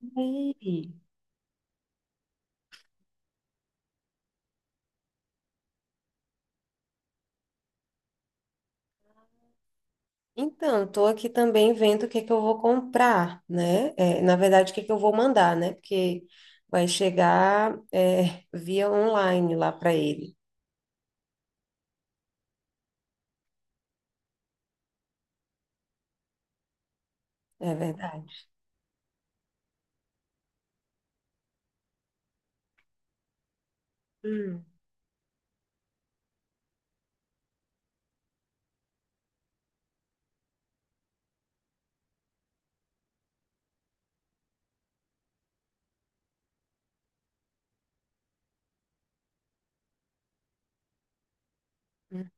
Sim. Então, estou aqui também vendo o que é que eu vou comprar, né? Na verdade, o que é que eu vou mandar, né? Porque vai chegar via online lá para ele. É verdade. Hum. Hum.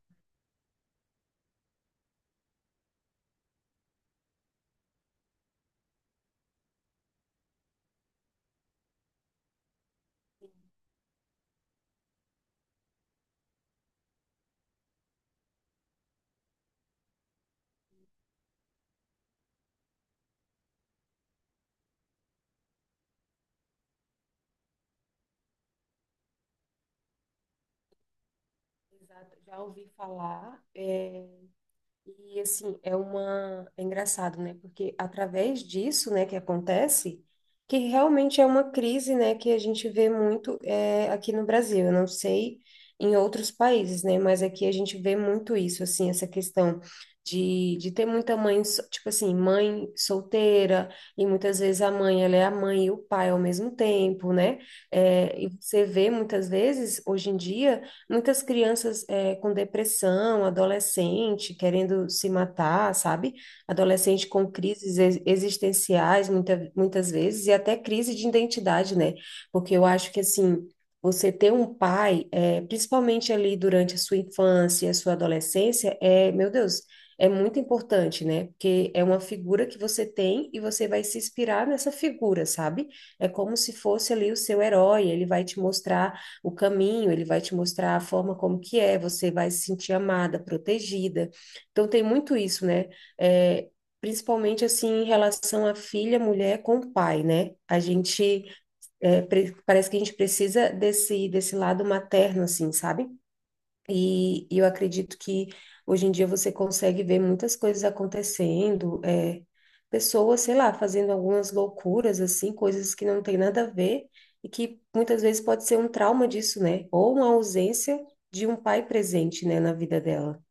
Exato. Já ouvi falar. E assim, é uma é engraçado, né? Porque através disso, né, que acontece, que realmente é uma crise, né, que a gente vê muito aqui no Brasil. Eu não sei em outros países, né, mas aqui a gente vê muito isso, assim, essa questão de ter muita mãe, tipo assim, mãe solteira, e muitas vezes a mãe, ela é a mãe e o pai ao mesmo tempo, né? É, e você vê muitas vezes, hoje em dia, muitas crianças com depressão, adolescente querendo se matar, sabe? Adolescente com crises existenciais, muitas vezes, e até crise de identidade, né? Porque eu acho que, assim, você ter um pai, é, principalmente ali durante a sua infância, a sua adolescência, é, meu Deus, é muito importante, né? Porque é uma figura que você tem e você vai se inspirar nessa figura, sabe? É como se fosse ali o seu herói, ele vai te mostrar o caminho, ele vai te mostrar a forma como que é, você vai se sentir amada, protegida. Então tem muito isso, né? É, principalmente assim em relação à filha, mulher com o pai, né? A gente é, parece que a gente precisa desse lado materno, assim, sabe? E eu acredito que hoje em dia você consegue ver muitas coisas acontecendo, é, pessoas, sei lá, fazendo algumas loucuras, assim, coisas que não tem nada a ver e que muitas vezes pode ser um trauma disso, né? Ou uma ausência de um pai presente, né, na vida dela.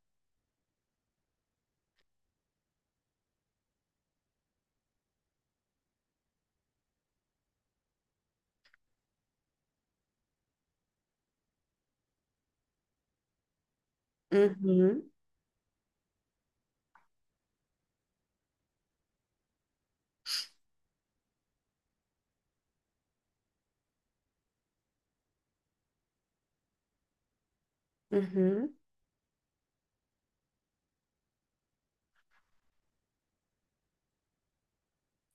Uhum, uhum,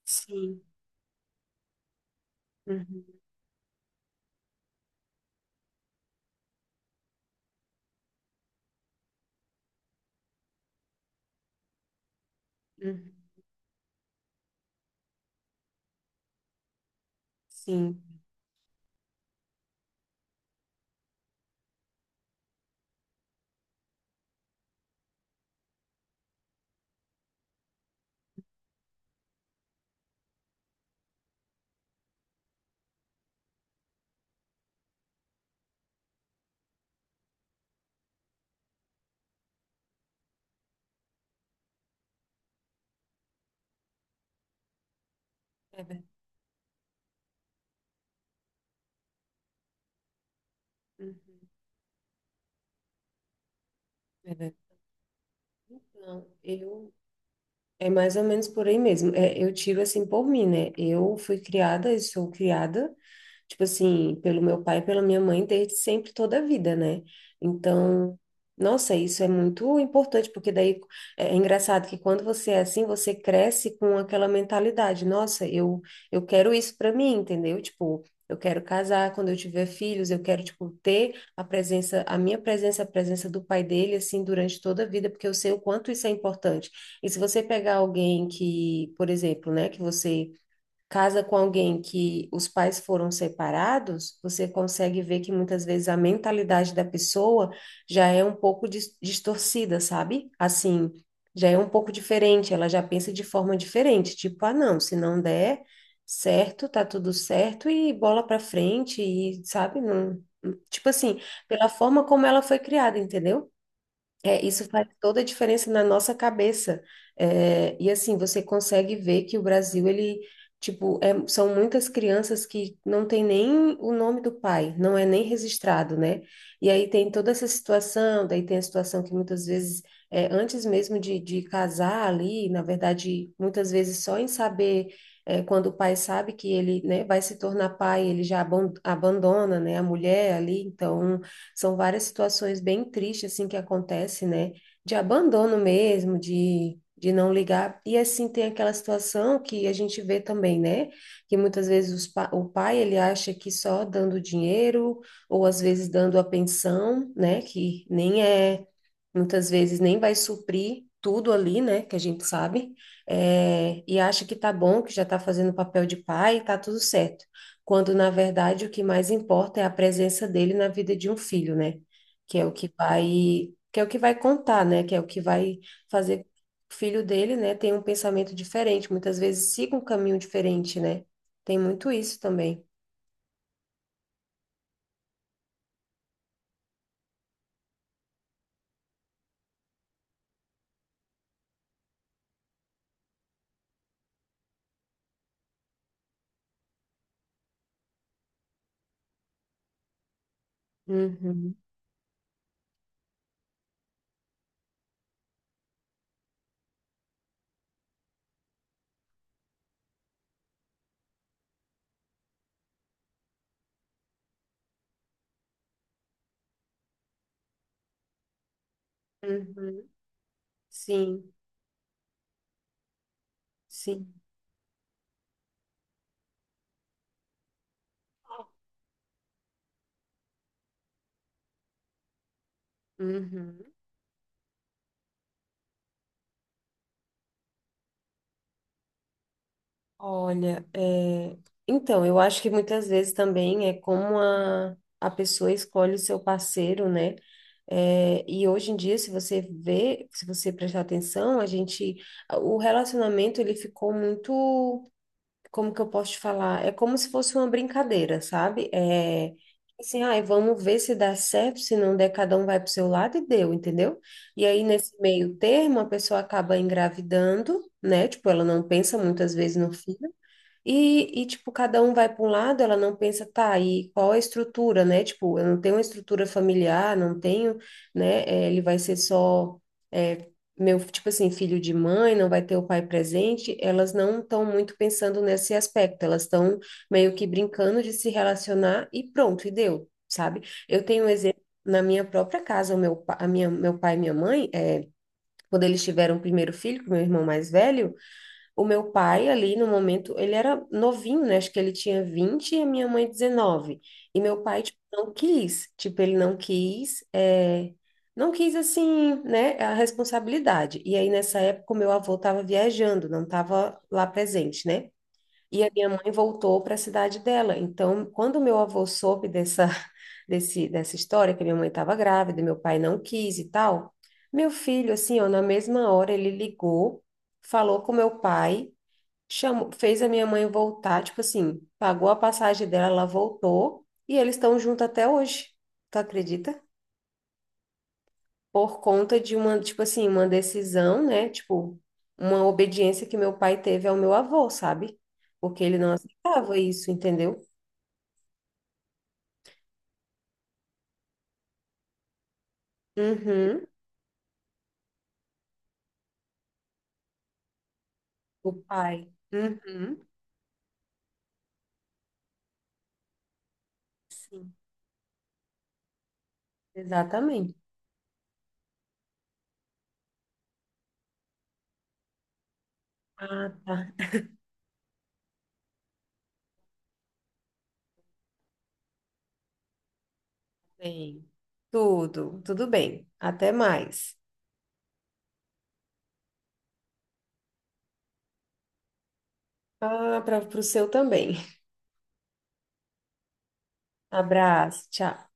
sim, uhum, uhum, sim, é verdade, uhum, é verdade. Então, eu. É mais ou menos por aí mesmo. É, eu tiro assim por mim, né? Eu fui criada e sou criada tipo assim, pelo meu pai e pela minha mãe desde sempre, toda a vida, né? Então, nossa, isso é muito importante, porque daí é engraçado que quando você é assim, você cresce com aquela mentalidade, eu quero isso para mim, entendeu? Tipo, eu quero casar quando eu tiver filhos, eu quero, tipo, ter a presença, a minha presença, a presença do pai dele, assim, durante toda a vida, porque eu sei o quanto isso é importante. E se você pegar alguém que, por exemplo, né, que você casa com alguém que os pais foram separados, você consegue ver que muitas vezes a mentalidade da pessoa já é um pouco distorcida, sabe? Assim, já é um pouco diferente, ela já pensa de forma diferente, tipo, ah, não, se não der certo, tá tudo certo e bola pra frente e, sabe, não, tipo assim, pela forma como ela foi criada, entendeu? É, isso faz toda a diferença na nossa cabeça. É, e assim, você consegue ver que o Brasil, ele, tipo, são muitas crianças que não tem nem o nome do pai, não é nem registrado, né? E aí tem toda essa situação, daí tem a situação que muitas vezes, é, antes mesmo de casar ali, na verdade, muitas vezes só em saber, é, quando o pai sabe que ele, né, vai se tornar pai, ele já abandona, né, a mulher ali, então... São várias situações bem tristes, assim, que acontece, né? De abandono mesmo, de não ligar. E, assim, tem aquela situação que a gente vê também, né? Que muitas vezes os o pai, ele acha que só dando dinheiro, ou às vezes dando a pensão, né? Que nem é, muitas vezes nem vai suprir tudo ali, né? Que a gente sabe. É, e acha que tá bom, que já tá fazendo o papel de pai, tá tudo certo quando na verdade o que mais importa é a presença dele na vida de um filho, né? Que é o que vai, que é o que vai contar, né? Que é o que vai fazer o filho dele, né, ter um pensamento diferente, muitas vezes siga um caminho diferente, né? Tem muito isso também. Uhum, uhum, sim, sim. Uhum. Olha, é, então, eu acho que muitas vezes também é como a pessoa escolhe o seu parceiro, né? É, e hoje em dia, se você vê, se você prestar atenção, a gente, o relacionamento ele ficou muito, como que eu posso te falar? É como se fosse uma brincadeira, sabe? É, assim, ai, vamos ver se dá certo, se não der, cada um vai pro seu lado e deu, entendeu? E aí, nesse meio termo, a pessoa acaba engravidando, né? Tipo, ela não pensa muitas vezes no filho tipo, cada um vai para um lado, ela não pensa, tá, e qual a estrutura, né? Tipo, eu não tenho uma estrutura familiar, não tenho, né? Ele vai ser só, eh, meu, tipo assim, filho de mãe, não vai ter o pai presente. Elas não estão muito pensando nesse aspecto, elas estão meio que brincando de se relacionar e pronto, e deu, sabe? Eu tenho um exemplo na minha própria casa, o meu, pa- a minha, meu pai e minha mãe, quando eles tiveram o primeiro filho, com meu irmão mais velho. O meu pai, ali no momento, ele era novinho, né? Acho que ele tinha 20 e a minha mãe 19. E meu pai, tipo, não quis. Tipo, ele não quis, é, não quis, assim, né? A responsabilidade. E aí, nessa época, o meu avô estava viajando, não estava lá presente, né? E a minha mãe voltou para a cidade dela. Então, quando meu avô soube dessa, dessa história, que minha mãe estava grávida, e meu pai não quis e tal, meu filho, assim, ó, na mesma hora, ele ligou, falou com meu pai chamou, fez a minha mãe voltar, tipo assim, pagou a passagem dela, ela voltou e eles estão juntos até hoje. Tu acredita? Por conta de uma, tipo assim, uma decisão, né? Tipo, uma obediência que meu pai teve ao meu avô, sabe? Porque ele não aceitava isso, entendeu? Uhum, o pai. Uhum, sim, exatamente. Ah, tá. Bem, tudo, tudo bem. Até mais. Ah, para o seu também. Abraço, tchau.